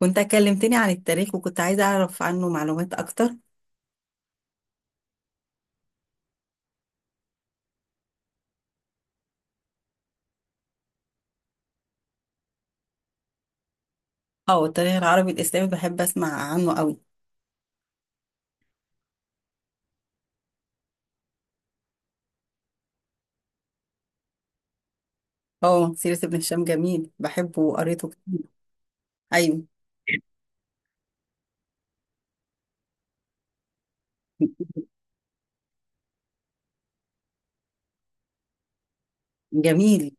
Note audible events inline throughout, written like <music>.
كنت كلمتني عن التاريخ وكنت عايزة أعرف عنه معلومات أكتر. أه، التاريخ العربي الإسلامي بحب أسمع عنه أوي. أه، سيرة ابن هشام، جميل، بحبه وقريته كتير. أيوه، جميل.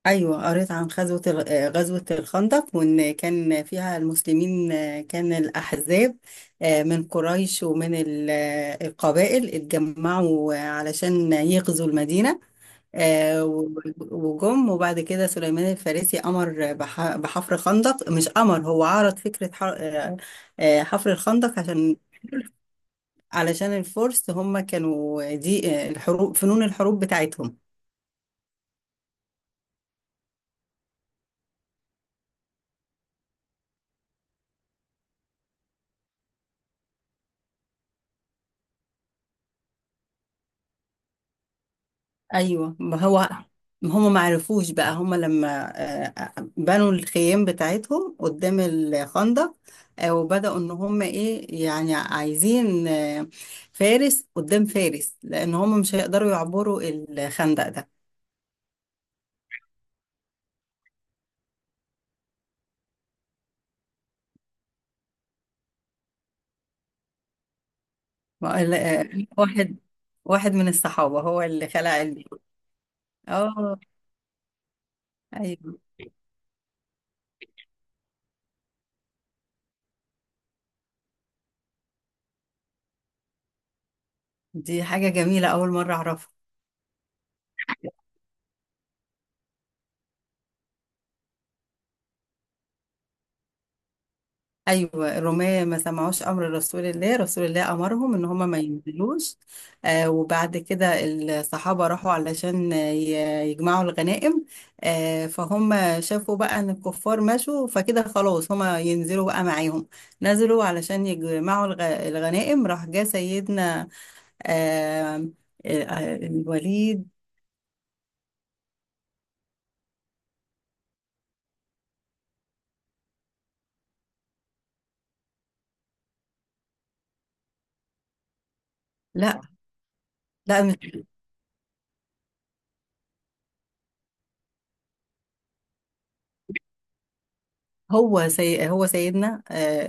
أيوه، قريت عن غزوة الخندق، وإن كان فيها المسلمين كان الأحزاب من قريش ومن القبائل اتجمعوا علشان يغزوا المدينة، آه، و- وجم. وبعد كده سليمان الفارسي أمر بحفر خندق، مش أمر، هو عرض فكرة حفر الخندق علشان الفرس هم كانوا دي، الحروب، فنون الحروب بتاعتهم. أيوه، ما هم ما عرفوش بقى، هم لما بنوا الخيام بتاعتهم قدام الخندق، وبدأوا إن هم إيه، يعني عايزين فارس قدام فارس، لأن هم مش هيقدروا يعبروا الخندق ده. ما- ال- واحد واحد من الصحابة هو اللي خلع علبي. اه. ايوه. دي حاجة جميلة، أول مرة أعرفها. أيوة، الرومية ما سمعوش أمر رسول الله أمرهم إن هما ما ينزلوش. آه، وبعد كده الصحابة راحوا علشان يجمعوا الغنائم. آه، فهم شافوا بقى إن الكفار مشوا، فكده خلاص هما ينزلوا بقى معاهم. نزلوا علشان يجمعوا الغنائم. راح جه سيدنا آه الوليد. لا، لا، مش هو. هو سيدنا آه،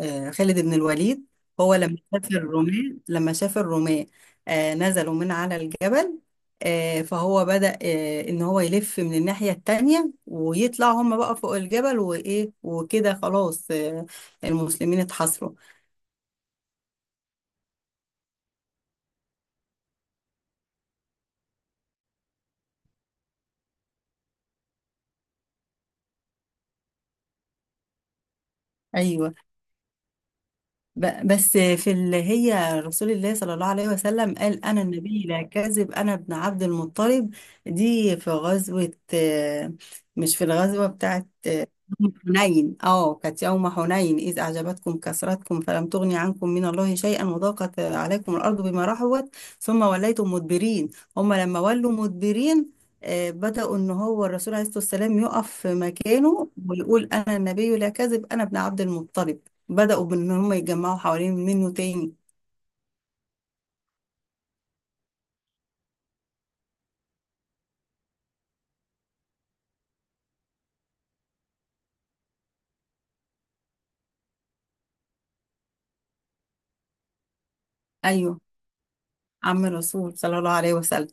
آه، آه، خالد بن الوليد. هو لما شاف الرومان، نزلوا من على الجبل، فهو بدأ، ان هو يلف من الناحية التانية ويطلع هم بقى فوق الجبل، وايه وكده خلاص، المسلمين اتحاصروا. ايوه. بس في اللي هي، رسول الله صلى الله عليه وسلم قال: أنا النبي لا كاذب، أنا ابن عبد المطلب. دي في غزوة، مش في الغزوة بتاعة حنين. اه، كانت يوم حنين: إذ أعجبتكم كثرتكم فلم تغن عنكم من الله شيئا، وضاقت عليكم الأرض بما رحبت، ثم وليتم مدبرين. هم لما ولوا مدبرين، بدأوا إن هو الرسول عليه الصلاة والسلام يقف في مكانه ويقول: أنا النبي لا كذب، أنا ابن عبد المطلب. بدأوا بإن هم يتجمعوا حوالين منه تاني. أيوه، عم الرسول صلى الله عليه وسلم.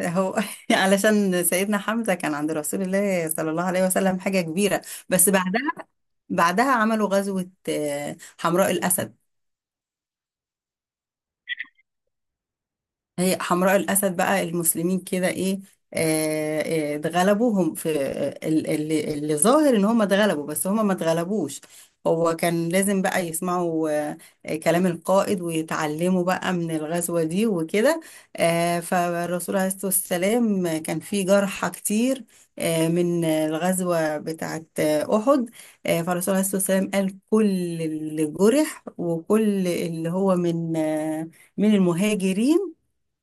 هو <laughs> علشان سيدنا حمزة كان عند رسول الله صلى الله عليه وسلم حاجة كبيرة. بس بعدها، عملوا غزوة حمراء الأسد. هي حمراء الأسد بقى، المسلمين كده إيه، اتغلبوا هم في، اللي ظاهر إن هم اتغلبوا، بس هم ما اتغلبوش. هو كان لازم بقى يسمعوا كلام القائد ويتعلموا بقى من الغزوة دي وكده. فالرسول عليه الصلاة والسلام كان في جرحى كتير من الغزوة بتاعة أحد. فالرسول عليه الصلاة والسلام قال: كل اللي جرح وكل اللي هو من، من المهاجرين،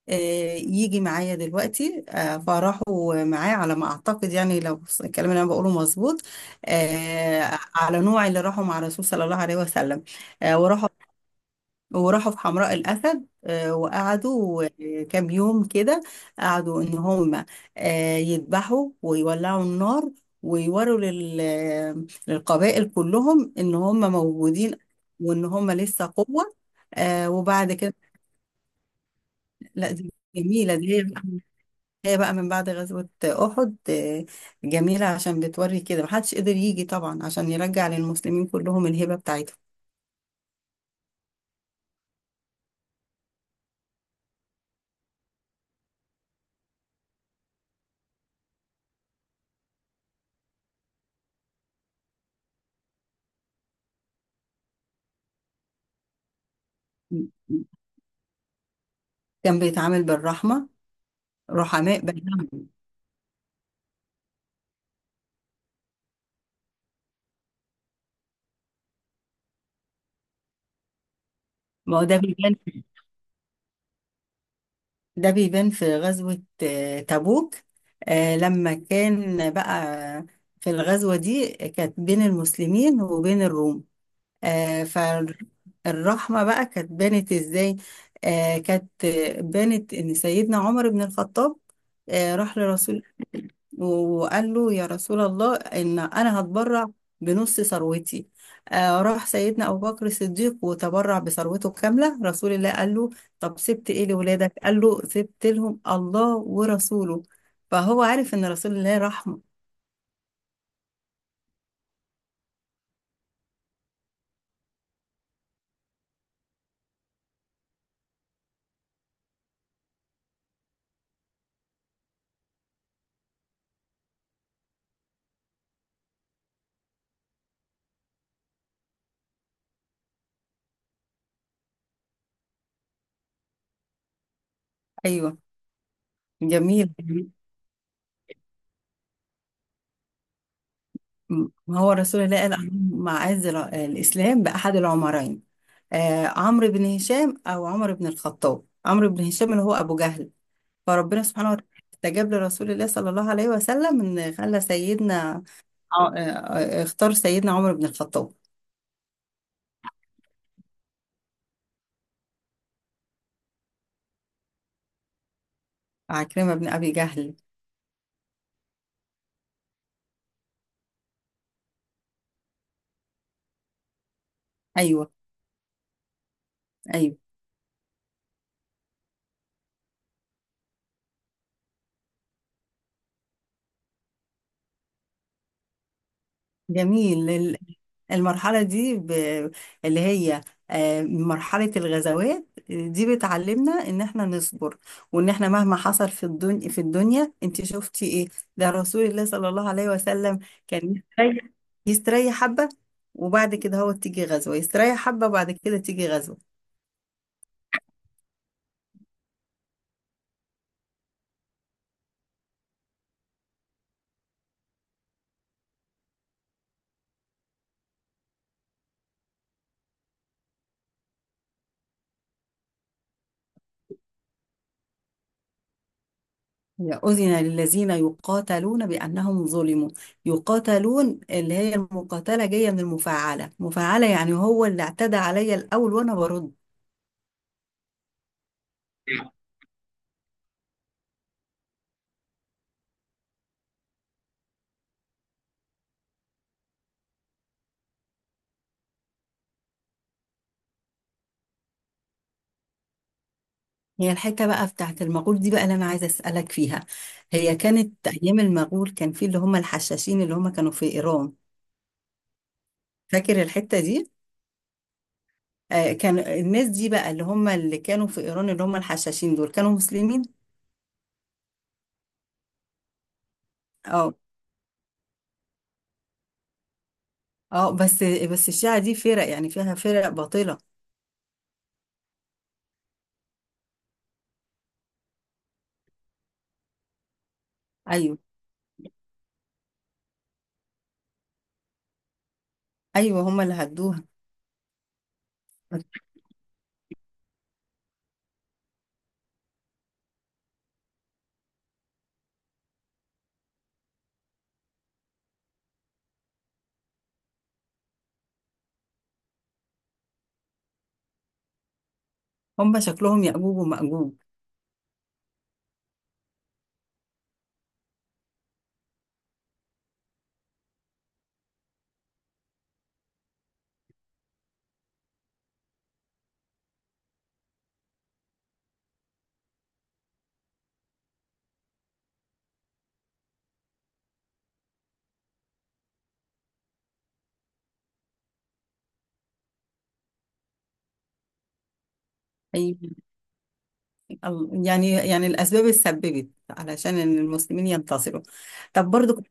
آه، يجي معايا دلوقتي. فراحوا معاه، على ما اعتقد يعني، لو الكلام اللي انا بقوله مظبوط، على نوع اللي راحوا مع الرسول صلى الله عليه وسلم. وراحوا، في حمراء الاسد، وقعدوا كام يوم كده. قعدوا ان هم يذبحوا ويولعوا النار ويوروا للقبائل كلهم ان هم موجودين وان هم لسه قوة. وبعد كده. لا، دي جميلة. دي هي بقى من بعد غزوة أحد. جميلة، عشان بتوري كده محدش قدر يجي طبعا عشان يرجع للمسلمين كلهم الهبة بتاعتهم. كان بيتعامل بالرحمة، رحماء بينهم. ما هو ده بيبان، في غزوة تبوك. لما كان بقى في الغزوة دي، كانت بين المسلمين وبين الروم. آه، فالرحمة بقى كانت بانت ازاي؟ آه، كانت بانت ان سيدنا عمر بن الخطاب، آه، راح لرسول وقال له: يا رسول الله، ان انا هتبرع بنص ثروتي. آه، راح سيدنا ابو بكر الصديق وتبرع بثروته كاملة. رسول الله قال له: طب سبت ايه لولادك؟ قال له: سبت لهم الله ورسوله. فهو عارف ان رسول الله رحمة. ايوه، جميل. ما هو رسول الله قال عن معاذ: الإسلام بأحد العمرين، آه، عمرو بن هشام أو عمر بن الخطاب. عمرو بن هشام اللي هو أبو جهل. فربنا سبحانه وتعالى استجاب لرسول الله صلى الله عليه وسلم إن خلى سيدنا، آه، آه، اختار سيدنا عمر بن الخطاب. عكرمة بن أبي جهل. أيوه. أيوه، جميل. المرحلة دي، اللي هي مرحلة الغزوات، دي بتعلمنا ان احنا نصبر، وان احنا مهما حصل في الدنيا انت شفتي ايه؟ ده رسول الله صلى الله عليه وسلم كان يستريح، حبة، وبعد كده هو تيجي غزوة، يستريح حبة وبعد كده تيجي غزوة. يا، أذن للذين يقاتلون بأنهم ظلموا. يقاتلون اللي هي المقاتلة، جاية من المفاعلة. مفاعلة يعني هو اللي اعتدى عليا الأول وأنا برد. هي الحتة بقى بتاعت المغول دي بقى اللي أنا عايزة أسألك فيها. هي كانت أيام المغول، كان في اللي هم الحشاشين اللي هم كانوا في إيران. فاكر الحتة دي؟ آه، كان الناس دي بقى، اللي هم اللي كانوا في إيران، اللي هم الحشاشين دول، كانوا مسلمين؟ اه، اه. بس، الشيعة دي فرق، يعني فيها فرق باطلة. أيوه، أيوه، هم اللي هدوها. هم شكلهم يأجوج ومأجوج. أيوه، يعني الأسباب اللي سببت علشان إن المسلمين ينتصروا. طب برضو،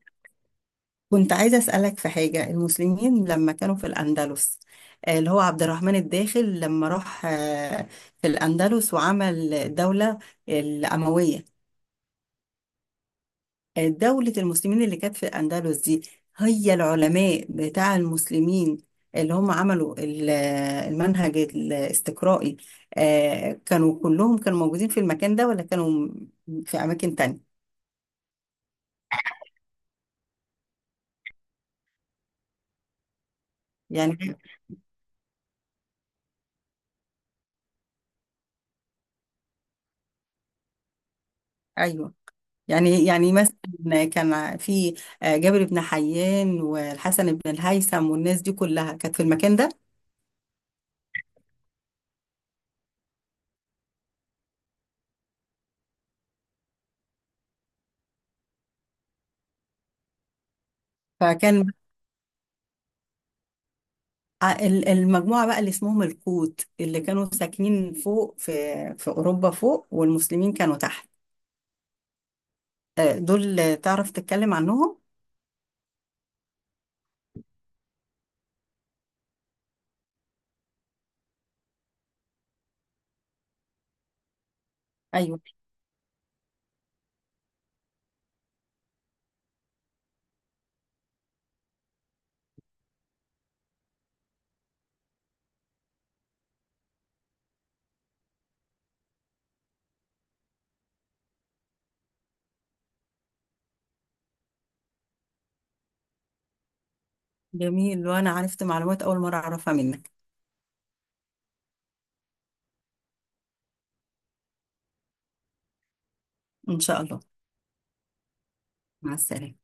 كنت عايزة أسألك في حاجة. المسلمين لما كانوا في الأندلس، اللي هو عبد الرحمن الداخل لما راح في الأندلس وعمل دولة الأموية، دولة المسلمين اللي كانت في الأندلس دي، هي العلماء بتاع المسلمين اللي هم عملوا المنهج الاستقرائي، كانوا كلهم كانوا موجودين في المكان ده، ولا كانوا في أماكن تانية؟ يعني أيوه، يعني مثلا كان في، جابر بن حيان والحسن بن الهيثم والناس دي كلها كانت في المكان ده. فكان المجموعة بقى اللي اسمهم القوت اللي كانوا ساكنين فوق في أوروبا فوق، والمسلمين كانوا تحت. دول، تعرف تتكلم عنهم؟ أيوه، جميل. وأنا عرفت معلومات أول مرة أعرفها منك. إن شاء الله. مع السلامة.